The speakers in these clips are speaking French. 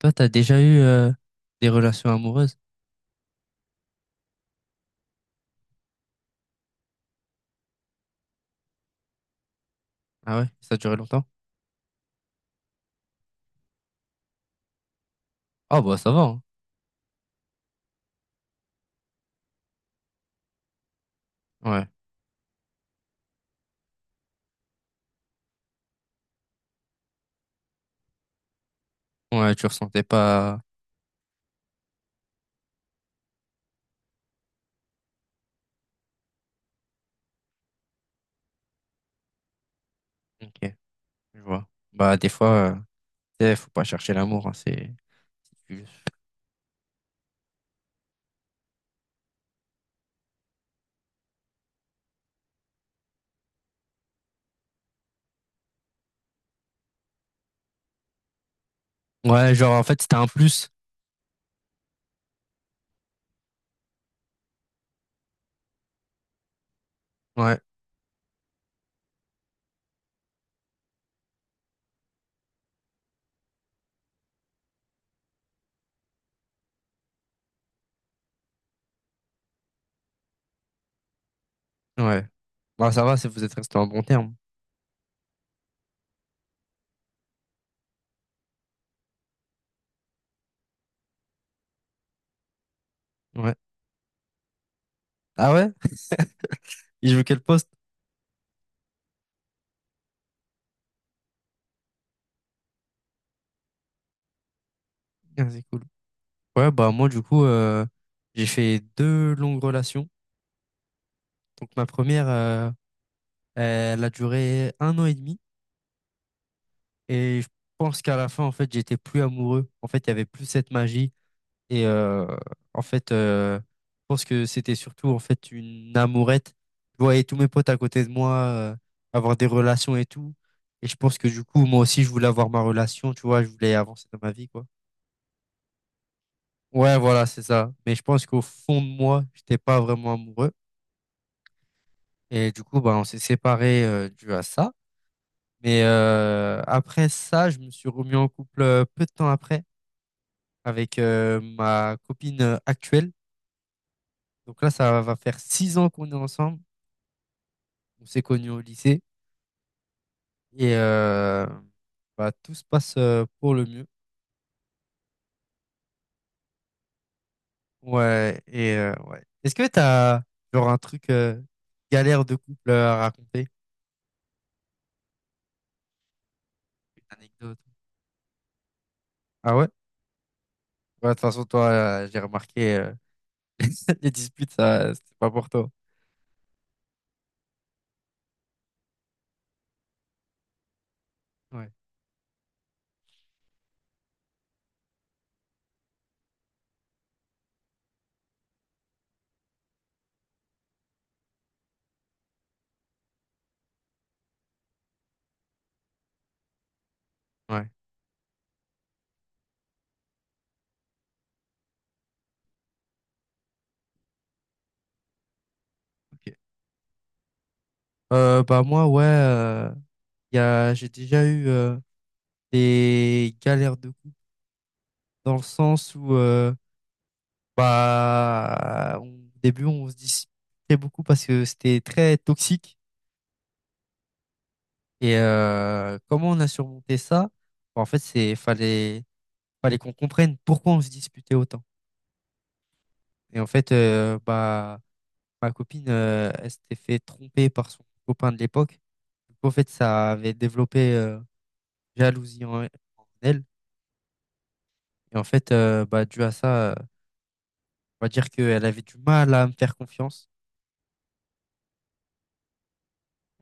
Toi, t'as déjà eu des relations amoureuses? Ah ouais? Ça a duré longtemps? Ah bah ça va, hein. Ouais. Ouais, tu ressentais pas. Ok, je vois. Bah des fois, tu sais, faut pas chercher l'amour, hein, c'est. Ouais, genre en fait c'était un plus. Ouais, ouais. Bah ça va, si vous êtes restés en bon terme. Ouais. Ah ouais? Il joue quel poste? Ah, c'est cool. Ouais, bah moi du coup, j'ai fait deux longues relations. Donc ma première, elle a duré 1 an et demi. Et je pense qu'à la fin, en fait, j'étais plus amoureux. En fait, il y avait plus cette magie. Et en fait, je pense que c'était surtout en fait une amourette. Je voyais tous mes potes à côté de moi avoir des relations et tout. Et je pense que du coup, moi aussi, je voulais avoir ma relation. Tu vois, je voulais avancer dans ma vie, quoi. Ouais, voilà, c'est ça. Mais je pense qu'au fond de moi, j'étais pas vraiment amoureux. Et du coup, bah, on s'est séparés dû à ça. Mais après ça, je me suis remis en couple peu de temps après avec ma copine actuelle. Donc là, ça va faire 6 ans qu'on est ensemble. On s'est connus au lycée et bah, tout se passe pour le mieux. Ouais, et ouais. Est-ce que t'as genre un truc galère de couple à raconter? Une anecdote. Ah ouais? Ouais, de toute façon, toi, j'ai remarqué les disputes, ça, c'était pas pour toi. Ouais, ouais, ok. Bah moi, ouais, j'ai déjà eu des galères de couple. Dans le sens où bah au début on se disputait beaucoup parce que c'était très toxique et comment on a surmonté ça? Bah, en fait c'est fallait qu'on comprenne pourquoi on se disputait autant et en fait bah ma copine elle s'était fait tromper par son copain de l'époque du coup en fait ça avait développé jalousie en elle et en fait bah dû à ça on va dire qu'elle avait du mal à me faire confiance.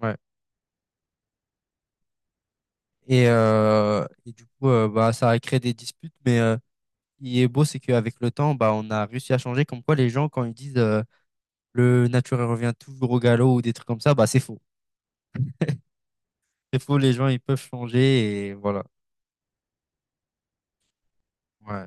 Ouais. Et, et du coup, bah, ça a créé des disputes, mais il est beau, c'est qu'avec le temps, bah, on a réussi à changer. Comme quoi, les gens, quand ils disent le naturel revient toujours au galop ou des trucs comme ça, bah, c'est faux. C'est faux, les gens, ils peuvent changer et voilà. Ouais.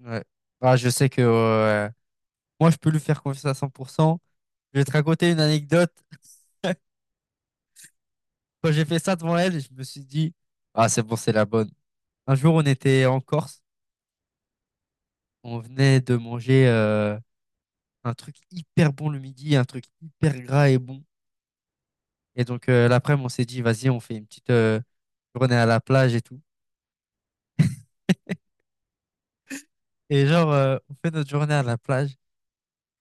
Ouais. Bah, je sais que moi, je peux lui faire confiance à 100 %. Je vais te raconter une anecdote. Quand j'ai fait ça devant elle, je me suis dit, ah, c'est bon, c'est la bonne. Un jour, on était en Corse, on venait de manger un truc hyper bon le midi, un truc hyper gras et bon. Et donc, l'après-midi, on s'est dit, vas-y, on fait une petite journée à la plage et tout. Et genre, on fait notre journée à la plage.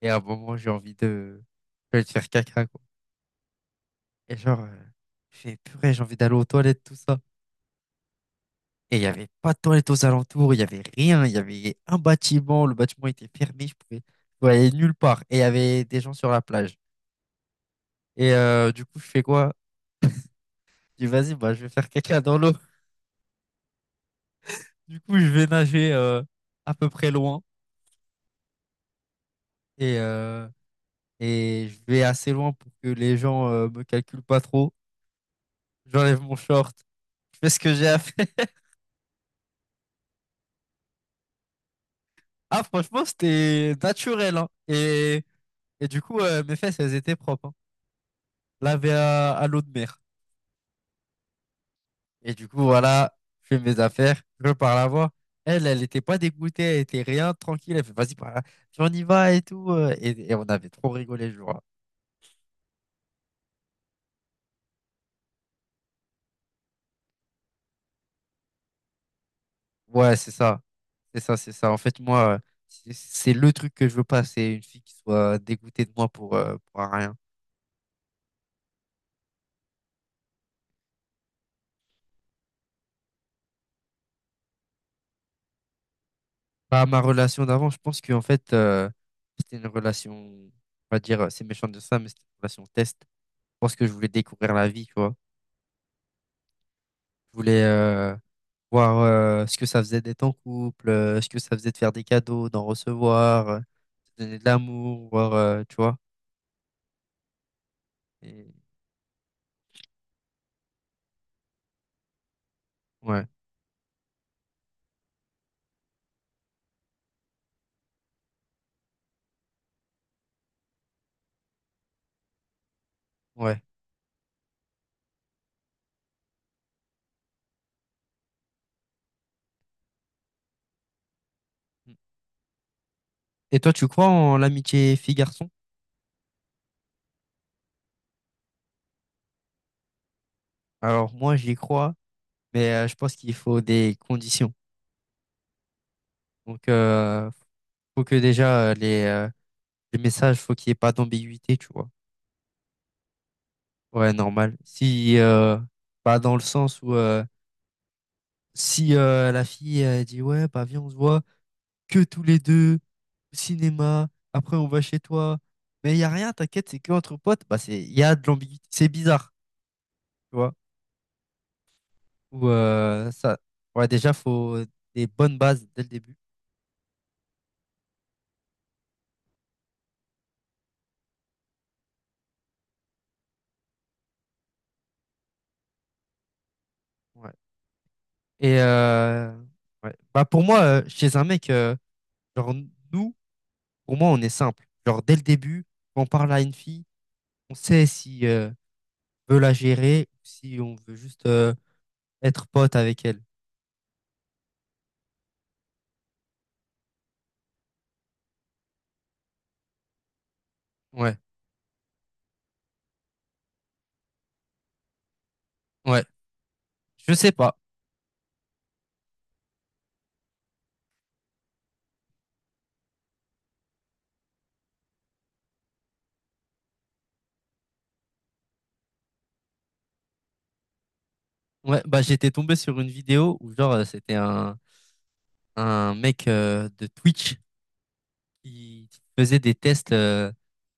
Et à un moment, j'ai envie de faire caca, quoi. Et genre, je fais, purée, j'ai envie d'aller aux toilettes, tout ça. Et il n'y avait pas de toilettes aux alentours, il n'y avait rien. Il y avait un bâtiment, le bâtiment était fermé, je pouvais aller nulle part. Et il y avait des gens sur la plage. Et du coup, je fais quoi? Je dis, vas-y, bah, je vais faire caca dans l'eau. Du coup, je vais nager à peu près loin. Et, et je vais assez loin pour que les gens me calculent pas trop. J'enlève mon short, je fais ce que j'ai à faire. Ah, franchement, c'était naturel, hein. Et du coup, mes fesses, elles étaient propres, hein. Lavées à l'eau de mer. Et du coup, voilà, je fais mes affaires, je pars la voir. Elle, elle était pas dégoûtée, elle était rien, tranquille. Elle fait, vas-y, par là, on y va et tout. Et on avait trop rigolé le jour-là. Ouais, c'est ça. C'est ça, c'est ça. En fait, moi, c'est le truc que je veux pas. C'est une fille qui soit dégoûtée de moi pour un rien. Bah, ma relation d'avant, je pense qu'en fait, c'était une relation, on va dire, c'est méchant de ça, mais c'était une relation test. Je pense que je voulais découvrir la vie, tu vois. Je voulais voir ce que ça faisait d'être en couple, ce que ça faisait de faire des cadeaux, d'en recevoir, de donner de l'amour, voir, tu vois. Et, ouais, ouais. Et toi, tu crois en l'amitié fille-garçon? Alors, moi, j'y crois, mais je pense qu'il faut des conditions. Donc, faut que déjà, les messages, faut qu'il n'y ait pas d'ambiguïté, tu vois. Ouais, normal. Si, bah, dans le sens où si la fille elle dit ouais, bah viens, on se voit que tous les deux au cinéma, après on va chez toi, mais il y a rien, t'inquiète, c'est que entre potes, bah c'est il y a de l'ambiguïté, c'est bizarre, tu vois. Ou ça, ouais, déjà faut des bonnes bases dès le début. Ouais. Et ouais. Bah pour moi, chez un mec, genre nous, pour moi, on est simple. Genre dès le début, quand on parle à une fille, on sait si veut la gérer ou si on veut juste être pote avec elle. Ouais, ouais. Je sais pas. Ouais, bah j'étais tombé sur une vidéo où genre c'était un mec de Twitch qui faisait des tests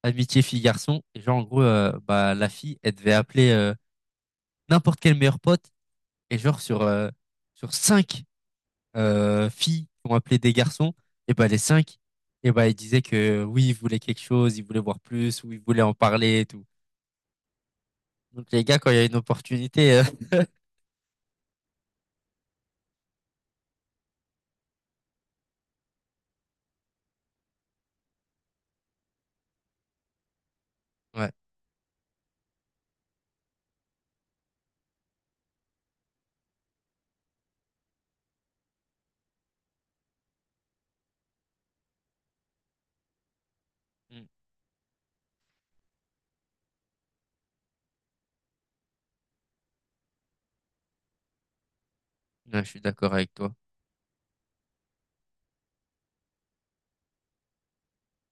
amitié fille-garçon. Et genre en gros, bah la fille, elle devait appeler n'importe quel meilleur pote. Et genre sur cinq filles qui ont appelé des garçons, et bah les cinq, et bah ils disaient que oui, ils voulaient quelque chose, ils voulaient voir plus, ou ils voulaient en parler et tout. Donc les gars, quand il y a une opportunité, ouais. Mm. Ouais, je suis d'accord avec toi.